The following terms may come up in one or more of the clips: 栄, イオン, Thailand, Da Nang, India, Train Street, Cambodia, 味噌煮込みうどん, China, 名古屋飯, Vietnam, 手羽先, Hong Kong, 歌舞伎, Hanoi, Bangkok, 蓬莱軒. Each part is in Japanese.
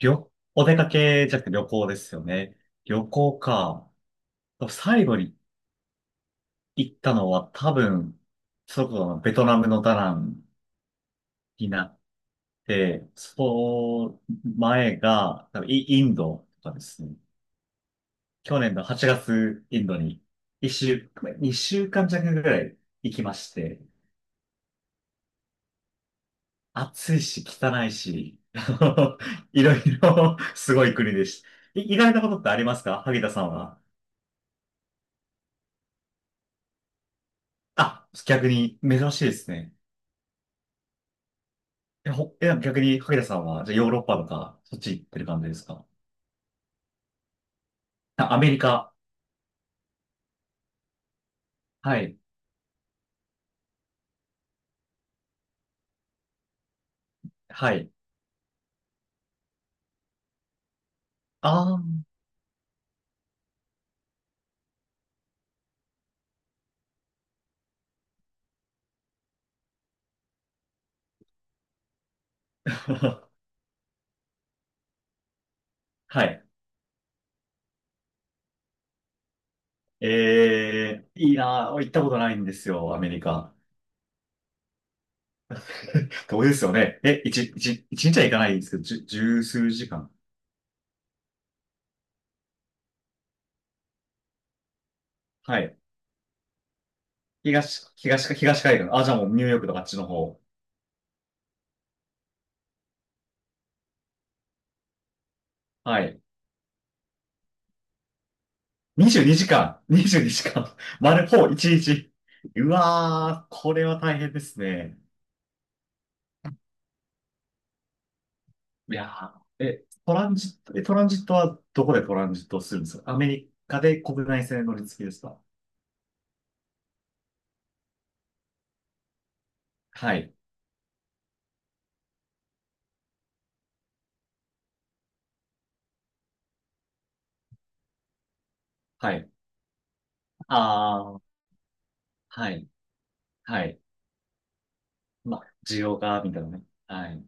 お出かけじゃなくて旅行ですよね。旅行か。最後に行ったのは多分、そこのベトナムのダナンになって、その前が多分インドとかですね。去年の8月インドに一週、2週間弱ぐらい行きまして、暑いし汚いし、いろいろすごい国でした。意外なことってありますか、萩田さんは？あ、逆に珍しいですね。え、ほ、え、逆に、萩田さんは、じゃあヨーロッパとか、そっち行ってる感じですか？あ、アメリカ。はい。はい。ああ。はい。いいなぁ。行ったことないんですよ、アメリカ。遠いですよね。え、一日は行かないんですけど、十数時間。はい。東海岸。あ、じゃあもうニューヨークとかあっちの方。はい。22時間。22時間。丸、ほぼ日。うわー、これは大変ですね。いやー、え、トランジットはどこでトランジットするんですか？アメリカで国内線乗り継ぎですか？はい、はい。ああ、はい、はい。まあ、需要が、みたいなね。はい。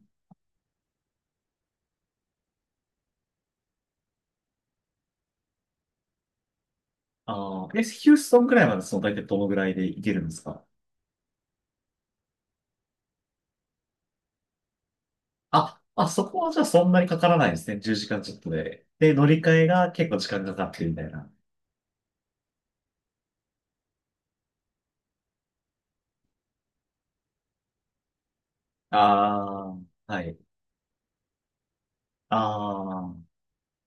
ああ、え、ヒューストンくらいまでその大体どのぐらいで行けるんですか？あ、そこはじゃあそんなにかからないですね。10時間ちょっとで。で、乗り換えが結構時間かかってるみたいな。ああ、はい。ああ、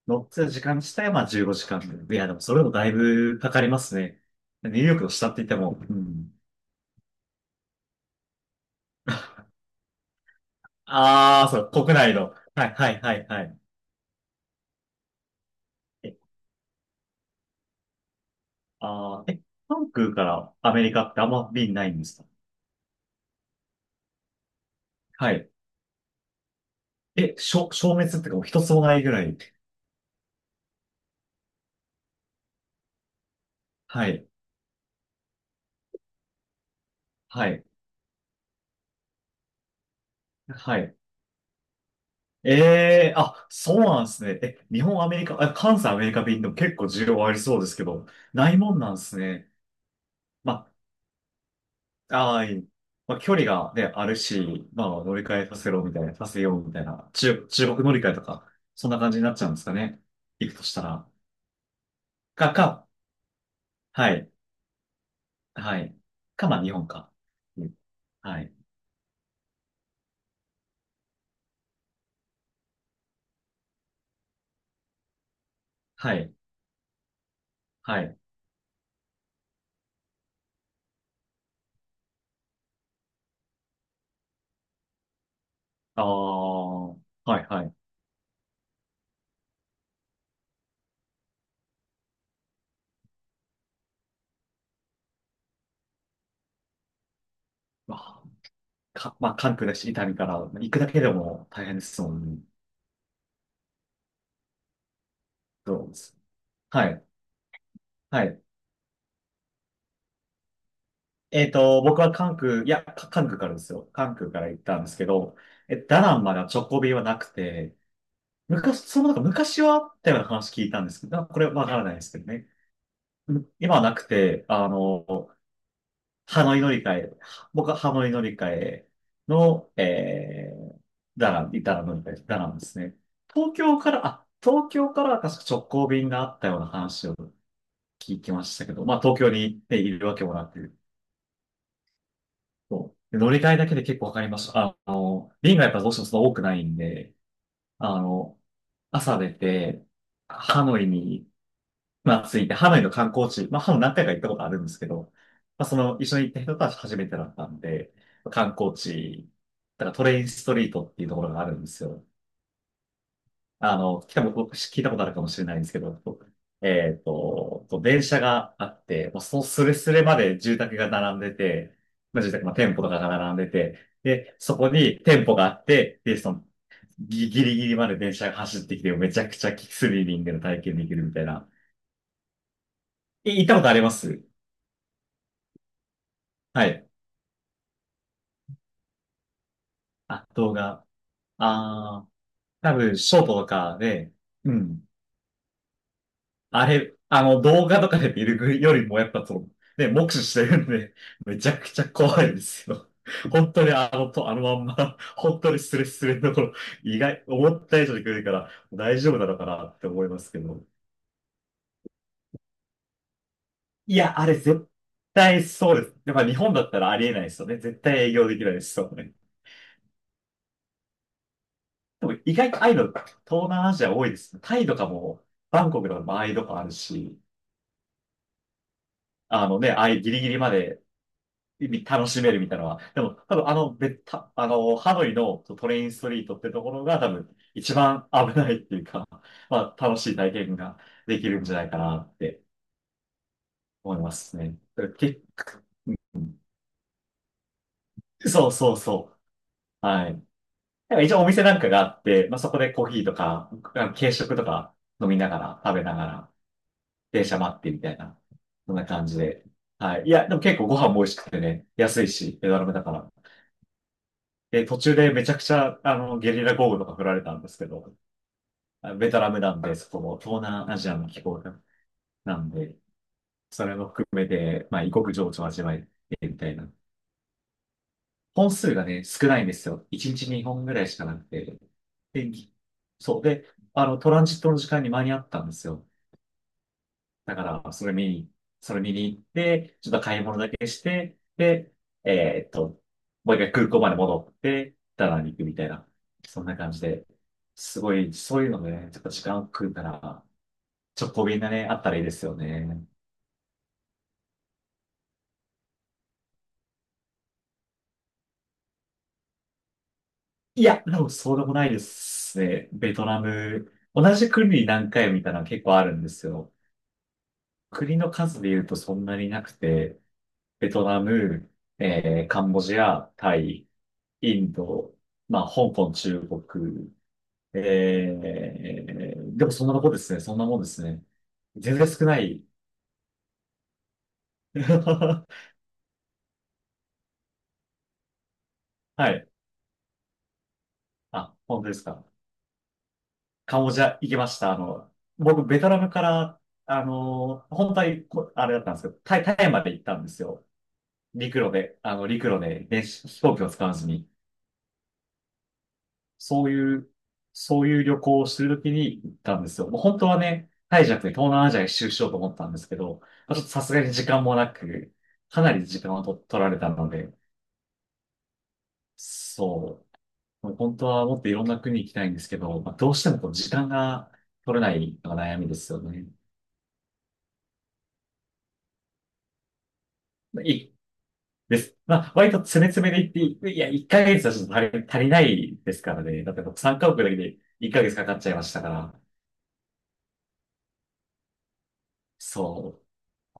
乗ってた時間自体はまあ15時間。いや、でもそれでもだいぶかかりますね。ニューヨークの下って言っても、うん。ああ、そう、国内の。はい、はい、はい、はい。え、あーえ、関空からアメリカってあんま便ないんですか？はい。え、消滅っていうかもう一つもないぐらい。はい、はい、はい。えそうなんですね。え、日本、アメリカ、あ、関西、アメリカ便でも結構需要ありそうですけど、ないもんなんですね。まあ、あ、いい。まあ、距離がね、あるし、まあ、乗り換えさせろみたいな、させようみたいな、中国乗り換えとか、そんな感じになっちゃうんですかね。行くとしたら。か、か、はい、はい。まあ、日本か。うん、はい、はい、はい。ああ、はい、はい。まあ、まあ、関空だし、伊丹から、まあ行くだけでも大変ですもんね。どうですはい、はい。えっと、僕は関空、いや、関空からですよ。関空から行ったんですけど、え、ダナンまでは直行便はなくて、昔、それもなんか昔はあったような話聞いたんですけど、これわからないですけどね。今はなくて、あの、ハノイ乗り換え、は僕はハノイ乗り換えの、えー、ダナン、ダナン乗り換え、ダナンですね。東京から、あ、東京から確か直行便があったような話を聞きましたけど、まあ東京に行っているわけもなく、そうで乗り換えだけで結構わかりました。あの、便がやっぱどうしてもそんな多くないんで、あの、朝出て、ハノイにまあ、ついて、ハノイの観光地、まあ、ハノイ何回か行ったことあるんですけど、まあ、その、一緒に行った人たち初めてだったんで、観光地、だからトレインストリートっていうところがあるんですよ。あの、来たも、僕聞いたことあるかもしれないんですけど、えっと、こう電車があって、もうそのスレスレまで住宅が並んでて、まあ、住宅、まあ、店舗とかが並んでて、で、そこに店舗があって、で、その、ギリギリまで電車が走ってきて、めちゃくちゃスリリングの体験できるみたいな。行ったことあります？はい。あ、動画。ああ、多分、ショートとかで、うん。あれ、あの、動画とかで見るよりも、やっぱそう、ね、目視してるんで、めちゃくちゃ怖いですよ。本当にあのと、あのまんま、本当にスレスレのところ、意外、思った以上に来るから、大丈夫なのかなって思いますけど。いや、あれ絶対そうです。やっぱ日本だったらありえないですよね。絶対営業できないですよね。でも意外とああいうの、東南アジア多いですね。タイとかも、バンコクの場合とかあるし、あのね、ああいうギリギリまで楽しめるみたいなのは。でも、多分あの、あの、ハノイのトレインストリートってところが多分一番危ないっていうか、まあ、楽しい体験ができるんじゃないかなって思いますね。結そうそうそう。はい。なんか一応お店なんかがあって、まあ、そこでコーヒーとか、あの軽食とか飲みながら、食べながら、電車待ってみたいな、そんな感じで。はい。いや、でも結構ご飯も美味しくてね、安いし、ベトナムだから。で、途中でめちゃくちゃ、あの、ゲリラ豪雨とか降られたんですけど、あ、ベトナムなんで、そこも東南アジアの気候なんで、それも含めて、まあ、異国情緒を味わえてみたいな。本数がね、少ないんですよ。1日2本ぐらいしかなくて。で、そう。で、あの、トランジットの時間に間に合ったんですよ。だから、それ見に行って、ちょっと買い物だけして、で、えーっと、もう一回空港まで戻って、ダナンに行くみたいな、そんな感じで、すごい、そういうのね、ちょっと時間を食うから、直行便がね、あったらいいですよね。いや、でもそうでもないですね。ベトナム、同じ国に何回もいたのは結構あるんですよ。国の数で言うとそんなになくて、ベトナム、えー、カンボジア、タイ、インド、まあ、香港、中国、えー、でもそんなとこですね。そんなもんですね。全然少ない。はい。あ、本当ですか。カンボジア行きました。あの、僕、ベトナムから、あの、本当はあれだったんですけど、タイまで行ったんですよ。陸路で、あの、陸路で、飛行機を使わずに。そういう、そういう旅行をしてるときに行ったんですよ。もう本当はね、タイじゃなくて東南アジア一周しようと思ったんですけど、まあちょっとさすがに時間もなく、かなり時間を取られたので、そう。もう本当はもっといろんな国行きたいんですけど、まあ、どうしてもこう時間が取れないのが悩みですよね。まあいいです。まあ、割と詰め詰めで行って、いや、1ヶ月はちょっと足りないですからね。だって僕3カ国だけで1ヶ月かかっちゃいましたから。そ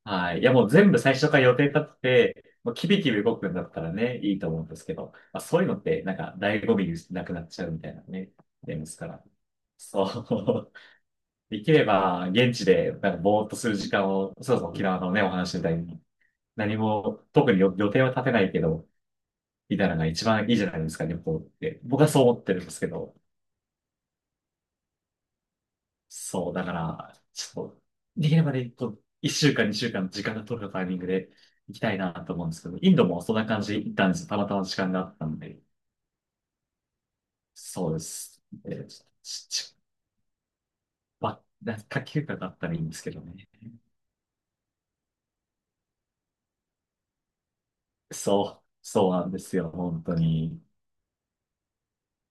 う。はい。いや、もう全部最初から予定立ってて、もうキビキビ動くんだったらね、いいと思うんですけど、まあ、そういうのって、なんか、醍醐味なくなっちゃうみたいなね、ますから。そう。できれば、現地で、なんか、ぼーっとする時間を、そうそう、沖縄のね、お話みたいに、何も、特に予定は立てないけど、みたいなのが一番いいじゃないですか、旅行って。僕はそう思ってるんですけど。そう、だから、ちょっと、できればね、こう、一週間、二週間の時間が取れたタイミングで行きたいなと思うんですけど、インドもそんな感じで行ったんですよ。たまたま時間があったんで。そうです。えち、ち、ちば、なんか夏季休暇だったらいいんですけどね。そう、そうなんですよ、本当に。